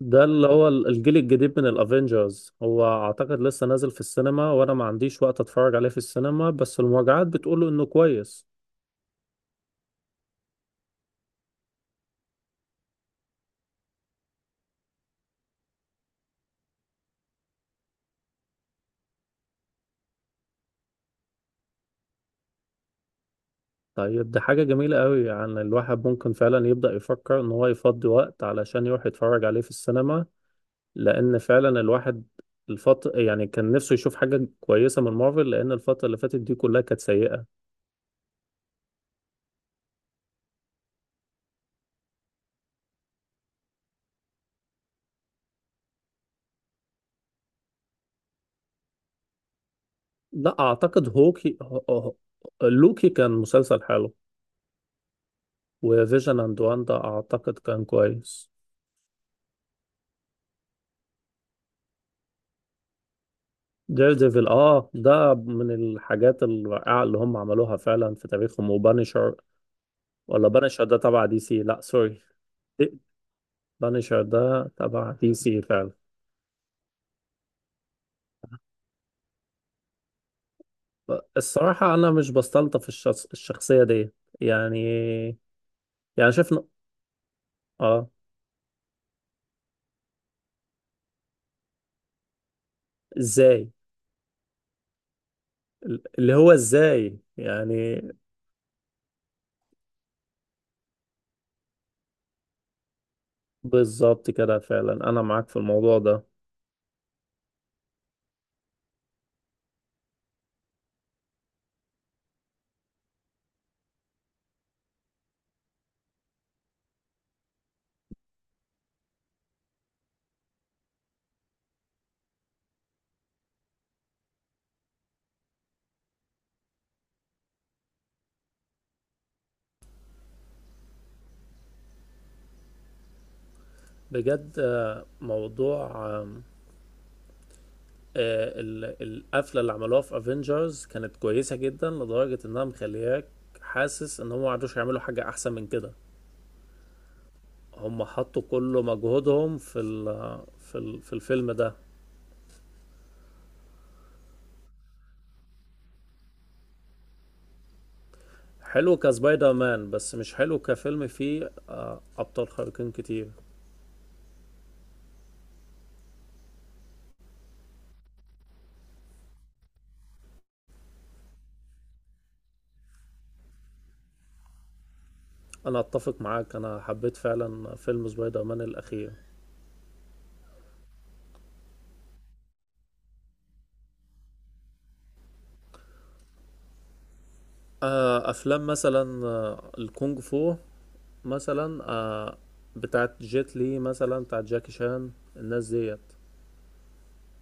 ده اللي هو الجيل الجديد من الافينجرز. هو اعتقد لسه نازل في السينما، وانا ما عنديش وقت اتفرج عليه في السينما، بس المراجعات بتقوله انه كويس. طيب دي حاجة جميلة قوي، يعني الواحد ممكن فعلا يبدأ يفكر ان هو يفضي وقت علشان يروح يتفرج عليه في السينما. لان فعلا الواحد الفترة يعني كان نفسه يشوف حاجة كويسة من مارفل، لان الفترة اللي فاتت دي كلها كانت سيئة. لا اعتقد هوكي لوكي كان مسلسل حلو، وفيجن اند واندا اعتقد كان كويس. ديردevil اه، ده من الحاجات الرائعة اللي هم عملوها فعلا في تاريخهم. وبانشر، ولا بانشر ده تبع دي سي؟ لا سوري، بانشر ده تبع دي سي فعلا. الصراحة أنا مش بستلطف الشخصية دي. يعني يعني شفنا، اه. ازاي؟ اللي هو ازاي يعني؟ بالظبط كده فعلا، أنا معاك في الموضوع ده. بجد موضوع القفله اللي عملوها في افنجرز كانت كويسه جدا، لدرجه انها مخلياك حاسس ان هم ما عرفوش يعملوا حاجه احسن من كده. هم حطوا كل مجهودهم في ال في الفيلم ده. حلو كسبايدر مان، بس مش حلو كفيلم فيه ابطال خارقين كتير. انا اتفق معاك، انا حبيت فعلا فيلم سبايدر مان الاخير. افلام مثلا الكونغ فو، مثلا بتاعت جيت لي، مثلا بتاعت جاكي شان. الناس ديت،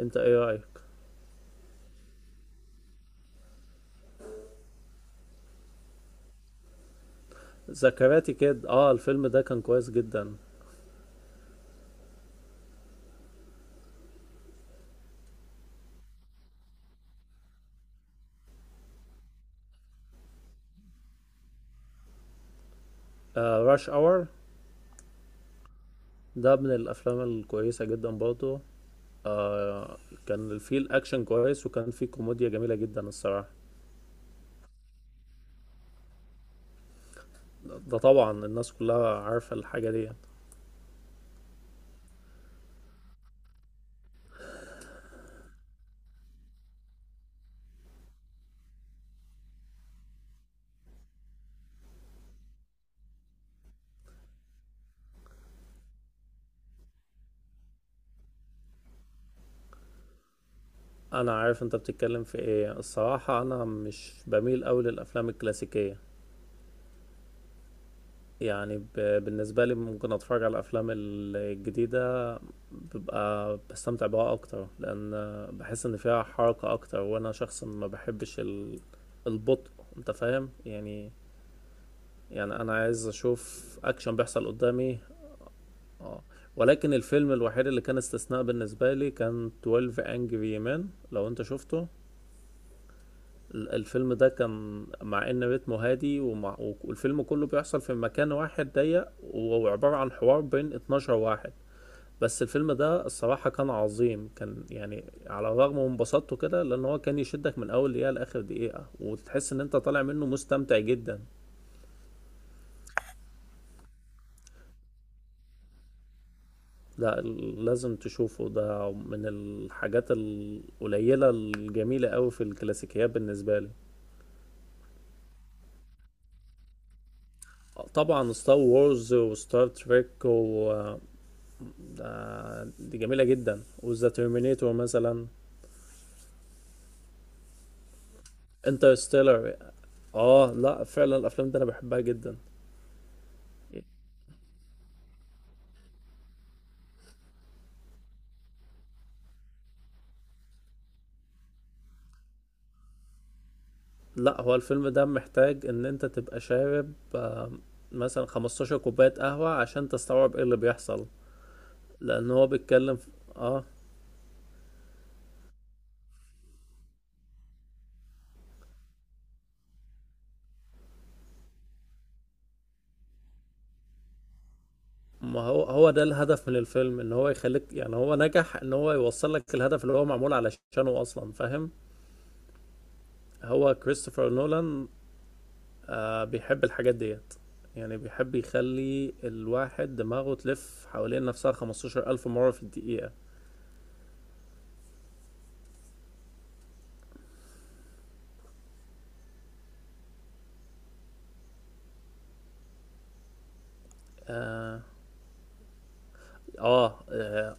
انت ايه رايك؟ ذكرياتي كده، اه الفيلم ده كان كويس جدا. آه راش اور، ده من الافلام الكويسه جدا برضه. آه، كان فيه الاكشن كويس وكان فيه كوميديا جميله جدا الصراحه. ده طبعا الناس كلها عارفه الحاجه دي. انا عارف انت بتتكلم في ايه، الصراحه انا مش بميل قوي للافلام الكلاسيكيه. يعني ب... بالنسبة لي ممكن أتفرج على الأفلام الجديدة، ببقى بستمتع بها أكتر، لأن بحس إن فيها حركة أكتر، وأنا شخص ما بحبش البطء. أنت فاهم يعني؟ يعني أنا عايز أشوف أكشن بيحصل قدامي، اه. ولكن الفيلم الوحيد اللي كان استثناء بالنسبة لي كان 12 Angry Men، لو أنت شفته. الفيلم ده كان مع ان رتمه هادي، ومع والفيلم كله بيحصل في مكان واحد ضيق، وهو عبارة عن حوار بين 12 واحد. بس الفيلم ده الصراحة كان عظيم، كان يعني على الرغم من بساطته كده، لأن هو كان يشدك من أول دقيقة لآخر دقيقة، وتحس إن أنت طالع منه مستمتع جدا. لا، لازم تشوفه، ده من الحاجات القليلة الجميلة أوي في الكلاسيكيات بالنسبة لي. طبعا ستار وورز وستار تريك، و ده دي جميلة جدا، وذا ترمينيتور مثلا. انترستيلر، اه لا فعلا الافلام دي انا بحبها جدا. لا هو الفيلم ده محتاج ان انت تبقى شارب مثلا 15 كوباية قهوة عشان تستوعب ايه اللي بيحصل، لان هو بيتكلم في... اه. ما هو هو ده الهدف من الفيلم، ان هو يخليك، يعني هو نجح ان هو يوصل لك الهدف اللي هو معمول علشانه اصلا، فاهم؟ هو كريستوفر نولان، آه بيحب الحاجات ديت، يعني بيحب يخلي الواحد دماغه تلف حوالين نفسها 15,000 مرة في الدقيقة. آه, آه, آه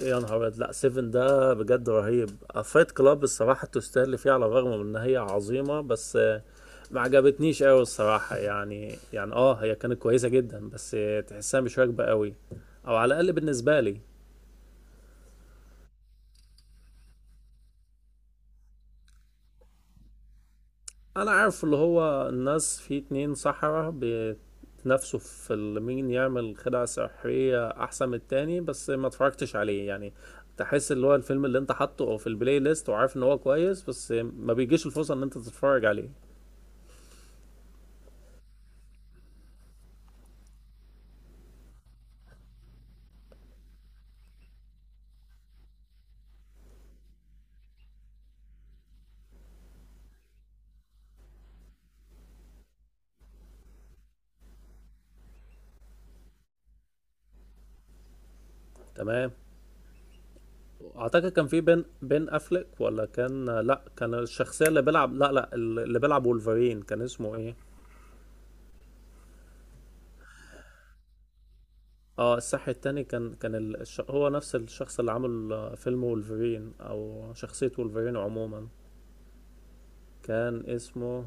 يا نهار أبيض، لأ سيفن ده بجد رهيب. فايت كلاب الصراحة تستاهل اللي فيه، على الرغم من إن هي عظيمة، بس آه ما عجبتنيش أوي الصراحة، يعني آه هي كانت كويسة جدا، بس تحسها مش راكبة أوي، أو على الأقل بالنسبة لي. انا عارف اللي هو الناس في اتنين سحرة بيتنافسوا في مين يعمل خدعة سحرية احسن من التاني، بس ما اتفرجتش عليه يعني. تحس اللي هو الفيلم اللي انت حاطه أو في البلاي ليست، وعارف ان هو كويس، بس ما بيجيش الفرصة ان انت تتفرج عليه. تمام. اعتقد كان في بين افلك، ولا كان لا كان الشخصية اللي بيلعب، لا لا اللي بيلعب وولفرين، كان اسمه ايه؟ اه الساحر التاني، هو نفس الشخص اللي عمل فيلم وولفرين، او شخصية وولفرين عموما، كان اسمه.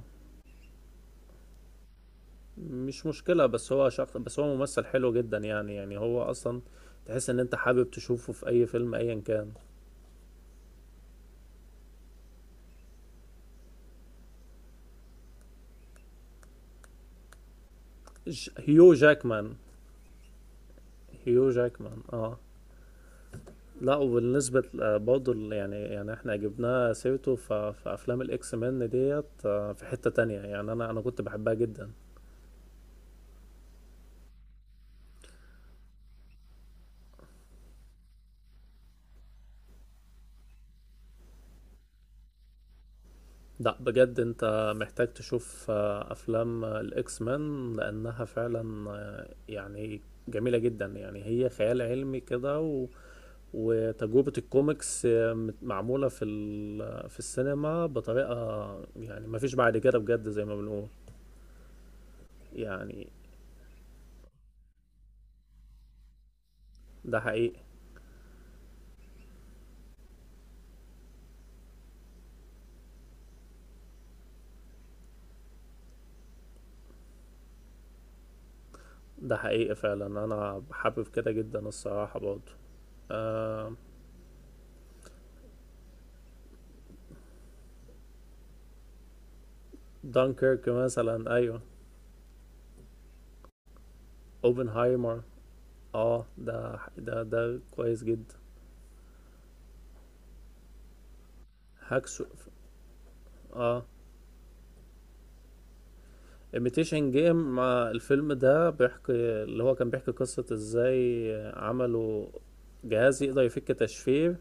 مش مشكلة، بس هو شخص، بس هو ممثل حلو جدا يعني، يعني هو أصلا تحس إن أنت حابب تشوفه في أي فيلم أيا كان. هيو جاكمان. هيو جاكمان، اه. لا وبالنسبة يعني يعني احنا جبناه سيرته في أفلام الإكس مان ديت، في حتة تانية يعني، أنا كنت بحبها جدا. لا بجد أنت محتاج تشوف أفلام الإكس مان، لأنها فعلا يعني جميلة جدا، يعني هي خيال علمي كده، و وتجربة الكوميكس معمولة في السينما بطريقة يعني مفيش بعد كده بجد، زي ما بنقول يعني. ده حقيقي. ده حقيقي فعلا، انا حابب كده جدا الصراحة برضه، آه. دانكيرك مثلا، ايوه. اوبنهايمر، اه ده كويس جدا. هاكسو. اه imitation game. ما الفيلم ده بيحكي، اللي هو كان بيحكي قصة ازاي عملوا جهاز يقدر يفك تشفير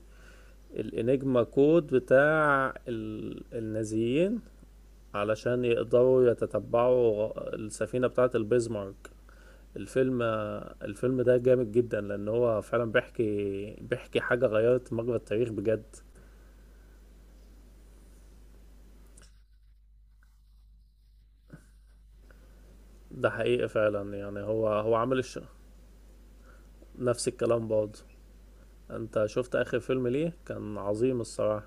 الانجما كود بتاع النازيين، علشان يقدروا يتتبعوا السفينة بتاعة البيزمارك. الفيلم الفيلم ده جامد جدا، لان هو فعلا بيحكي حاجة غيرت مجرى التاريخ بجد. ده حقيقي فعلا، يعني هو عامل نفس الكلام برضه. انت شفت اخر فيلم ليه، كان عظيم الصراحة.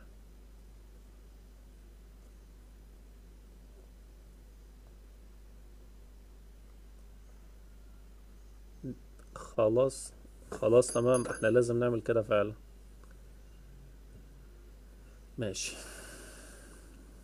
خلاص. خلاص تمام، احنا لازم نعمل كده فعلا. ماشي.